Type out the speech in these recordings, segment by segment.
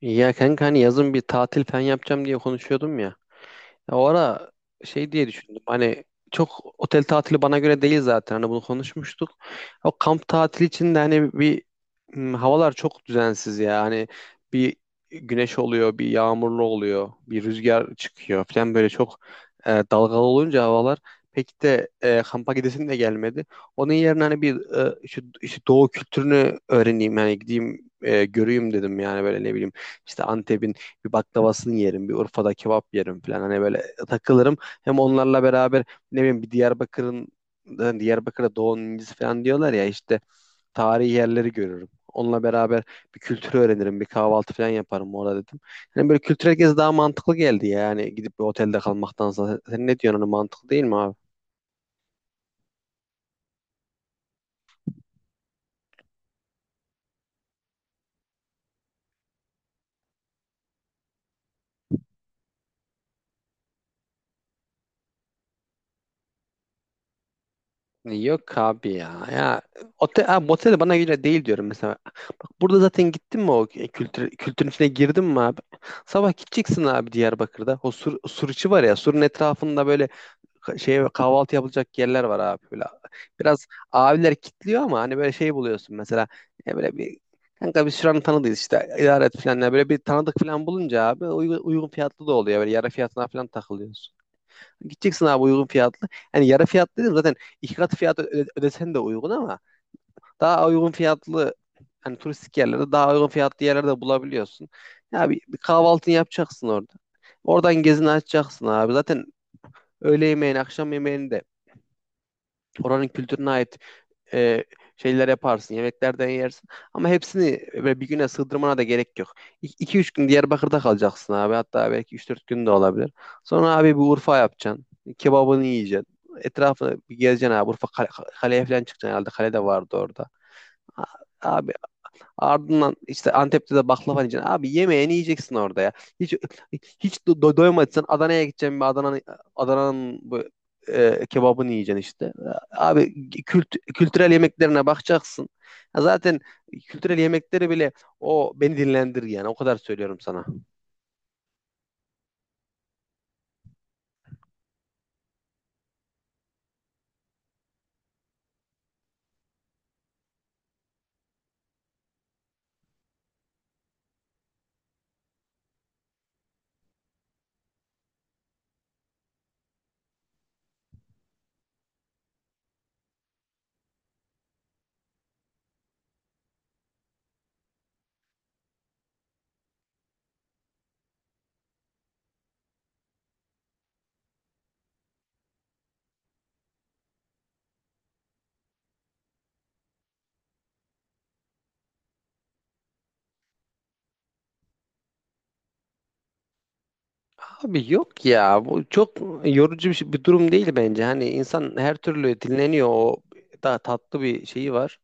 Ya kanka hani yazın bir tatil falan yapacağım diye konuşuyordum ya. Ya o ara şey diye düşündüm. Hani çok otel tatili bana göre değil zaten. Hani bunu konuşmuştuk. O kamp tatili için de hani havalar çok düzensiz ya. Hani bir güneş oluyor, bir yağmurlu oluyor, bir rüzgar çıkıyor falan böyle çok dalgalı olunca havalar pek de kampa gidesim de gelmedi. Onun yerine hani e, şu şu doğu kültürünü öğreneyim yani gideyim göreyim dedim yani böyle ne bileyim işte Antep'in bir baklavasını yerim, bir Urfa'da kebap yerim falan. Hani böyle takılırım. Hem onlarla beraber ne bileyim bir Diyarbakır'ın hani Diyarbakır'da Doğu'nun incisi falan diyorlar ya işte tarihi yerleri görürüm. Onunla beraber bir kültürü öğrenirim, bir kahvaltı falan yaparım orada dedim. Hani böyle kültürel gezi daha mantıklı geldi ya. Yani gidip bir otelde kalmaktansa. Sen ne diyorsun hani mantıklı değil mi abi? Yok abi ya. Ya otel, abi, motel de bana göre değil diyorum mesela. Bak burada zaten gittin mi o kültürün içine girdin mi abi? Sabah gideceksin abi Diyarbakır'da. O sur içi var ya. Surun etrafında böyle kahvaltı yapılacak yerler var abi böyle. Biraz abiler kitliyor ama hani böyle şey buluyorsun mesela. Böyle bir kanka biz şuranın tanıdığız işte idare et falan. Yani böyle bir tanıdık falan bulunca abi uygun fiyatlı da oluyor. Böyle yarı fiyatına falan takılıyor. Gideceksin abi uygun fiyatlı. Yani yarı fiyatlı dedim zaten iki katı fiyat ödesen de uygun ama daha uygun fiyatlı hani turistik yerlerde daha uygun fiyatlı yerlerde bulabiliyorsun. Ya bir kahvaltını yapacaksın orada. Oradan gezini açacaksın abi. Zaten öğle yemeğini, akşam yemeğini de oranın kültürüne ait e, şeyler yaparsın, yemeklerden yersin. Ama hepsini böyle bir güne sığdırmana da gerek yok. 2 üç gün Diyarbakır'da kalacaksın abi. Hatta belki üç dört gün de olabilir. Sonra abi bir Urfa yapacaksın. Kebabını yiyeceksin. Etrafını bir gezeceksin abi. Urfa kaleye falan çıkacaksın herhalde. Kale de vardı orada. A- Abi, ardından işte Antep'te de baklava yiyeceksin. Abi yemeğini yiyeceksin orada ya. Hiç hiç doymadıysan Adana'ya gideceksin bir Adana'nın bu kebabını yiyeceksin işte. Abi kültürel yemeklerine bakacaksın. Ya zaten kültürel yemekleri bile o beni dinlendir yani o kadar söylüyorum sana. Abi yok ya bu çok yorucu bir durum değil bence. Hani insan her türlü dinleniyor o daha tatlı bir şeyi var.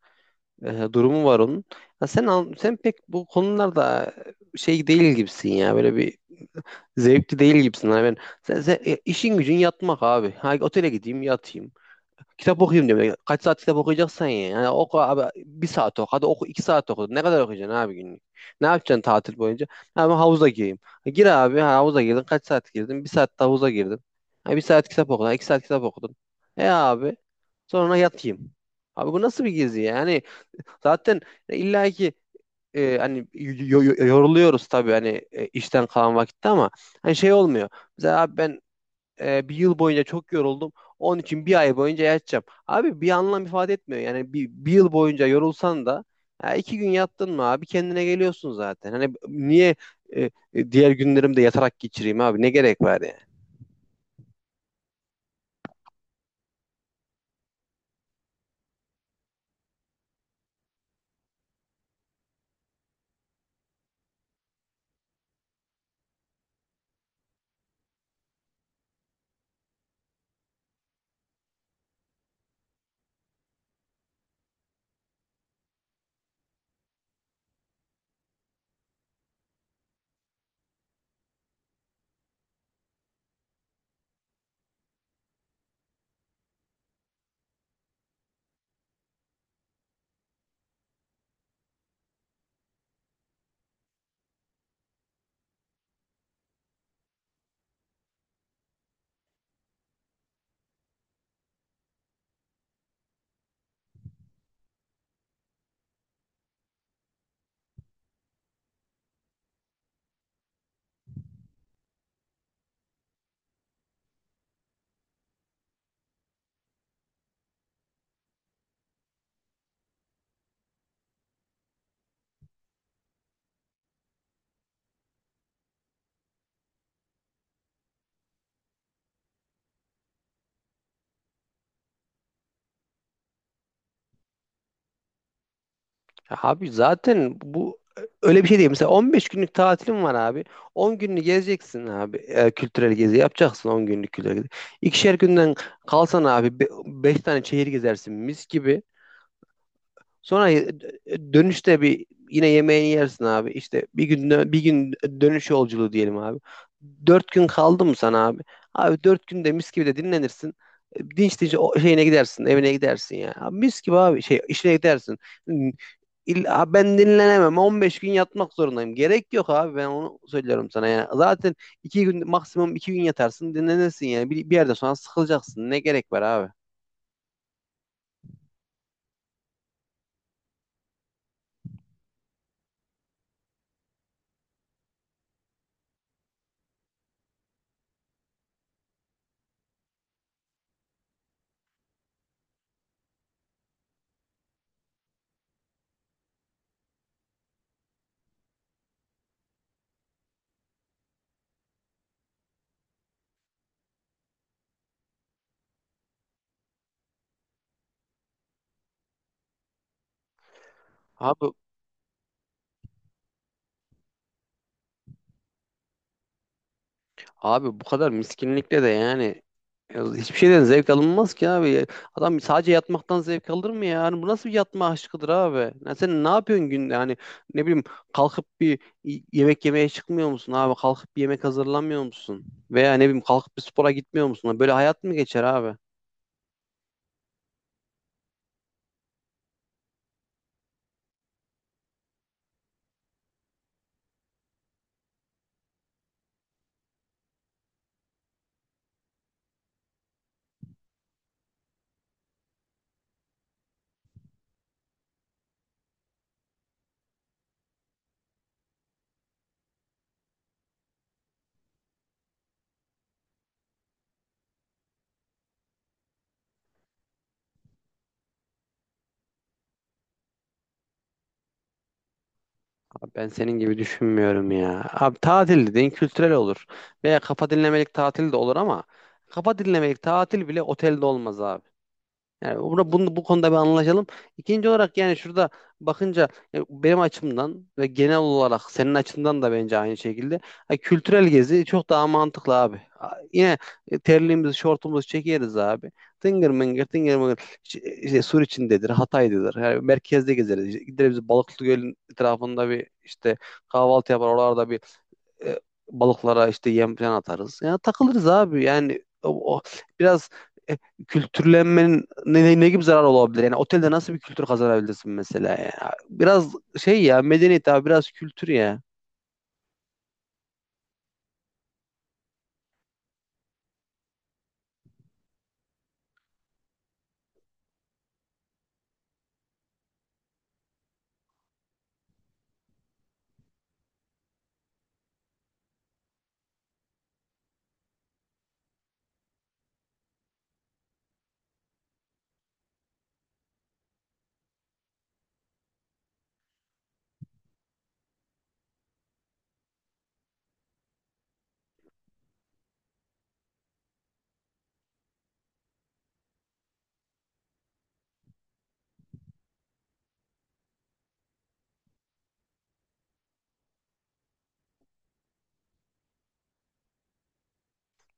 Durumu var onun. Ya sen pek bu konularda şey değil gibisin ya. Böyle bir zevkli değil gibisin. Hani ben işin gücün yatmak abi. Ha, otele gideyim yatayım. Kitap okuyayım diyorum. Ya, kaç saat kitap okuyacaksan ya. Yani oku abi bir saat oku. Hadi oku iki saat oku. Ne kadar okuyacaksın abi günlük? Ne yapacaksın tatil boyunca? Ha, ben havuza gireyim. Ha, gir abi, ha, havuza girdin. Kaç saat girdin? Bir saat de havuza girdin. Ha, bir saat kitap okudun. Ha, iki saat kitap okudun. Abi sonra yatayım. Abi bu nasıl bir gezi yani? Zaten illa ki hani yoruluyoruz tabii hani işten kalan vakitte ama hani şey olmuyor. Mesela abi ben bir yıl boyunca çok yoruldum. Onun için bir ay boyunca yatacağım. Abi bir anlam ifade etmiyor. Yani bir yıl boyunca yorulsan da ya iki gün yattın mı abi kendine geliyorsun zaten. Hani niye diğer günlerimde yatarak geçireyim abi? Ne gerek var yani? Ya abi zaten bu öyle bir şey değil. Mesela 15 günlük tatilim var abi. 10 gününü gezeceksin abi. Kültürel gezi yapacaksın 10 günlük kültürel gezi. İkişer günden kalsan abi 5 tane şehir gezersin mis gibi. Sonra dönüşte bir yine yemeğini yersin abi. İşte bir gün dönüş yolculuğu diyelim abi. 4 gün kaldı mı sana abi? Abi 4 günde mis gibi de dinlenirsin. Dinç dinç o şeyine gidersin, evine gidersin ya. Abi mis gibi abi şey işine gidersin. Ben dinlenemem. 15 gün yatmak zorundayım. Gerek yok abi. Ben onu söylüyorum sana yani. Zaten iki gün maksimum iki gün yatarsın dinlenirsin yani. Bir yerden sonra sıkılacaksın. Ne gerek var abi? Abi abi bu kadar miskinlikle de yani ya hiçbir şeyden zevk alınmaz ki abi. Adam sadece yatmaktan zevk alır mı ya? Yani bu nasıl bir yatma aşkıdır abi? Ya sen ne yapıyorsun günde? Hani ne bileyim kalkıp yemek yemeye çıkmıyor musun abi? Kalkıp bir yemek hazırlamıyor musun? Veya ne bileyim kalkıp bir spora gitmiyor musun? Böyle hayat mı geçer abi? Abi ben senin gibi düşünmüyorum ya. Abi tatil dediğin kültürel olur. Veya kafa dinlemelik tatil de olur ama kafa dinlemelik tatil bile otelde olmaz abi. Yani burada bunu bu konuda bir anlaşalım. İkinci olarak yani şurada bakınca benim açımdan ve genel olarak senin açından da bence aynı şekilde kültürel gezi çok daha mantıklı abi. Yine terliğimizi, şortumuzu çekeriz abi. Tıngır mıngır, tıngır mıngır. İşte, Suriçindedir, Hatay'dadır. Yani merkezde gezeriz. İşte gideriz Balıklı Göl'ün etrafında bir işte kahvaltı yapar. Oralarda bir e, balıklara işte yem falan atarız. Yani takılırız abi. Yani o biraz e, kültürlenmenin ne gibi zarar olabilir? Yani otelde nasıl bir kültür kazanabilirsin mesela ya? Biraz şey ya medeniyet abi biraz kültür ya.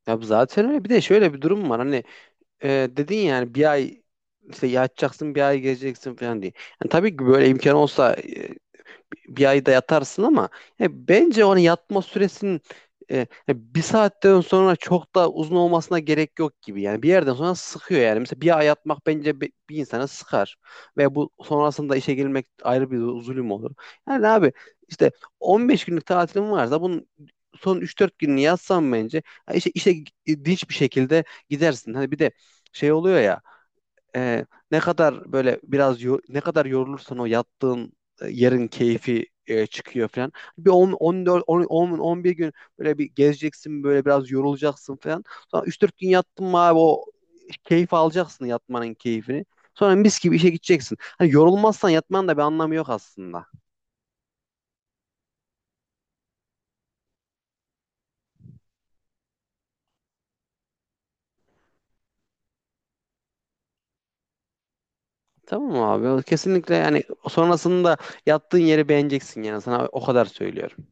Ya zaten öyle. Bir de şöyle bir durum var. Hani dedin yani bir ay işte yatacaksın bir ay gezeceksin falan diye. Yani tabii ki böyle imkan olsa bir ayda yatarsın ama bence onun yatma süresinin e, bir saatten sonra çok da uzun olmasına gerek yok gibi. Yani bir yerden sonra sıkıyor yani. Mesela bir ay yatmak bence bir, insana sıkar. Ve bu sonrasında işe gelmek ayrı bir zulüm olur. Yani abi işte 15 günlük tatilim varsa bunun son üç dört gününü yatsam bence ya işe dinç bir şekilde gidersin. Hani bir de şey oluyor ya e, ne kadar böyle biraz ne kadar yorulursan o yattığın yerin keyfi çıkıyor falan. Bir 10 14 10 10 11 gün böyle bir gezeceksin böyle biraz yorulacaksın falan. Sonra 3-4 gün yattın mı abi o keyif alacaksın yatmanın keyfini. Sonra mis gibi işe gideceksin. Hani yorulmazsan yatmanın da bir anlamı yok aslında. Tamam mı abi? Kesinlikle yani sonrasında yattığın yeri beğeneceksin yani sana o kadar söylüyorum.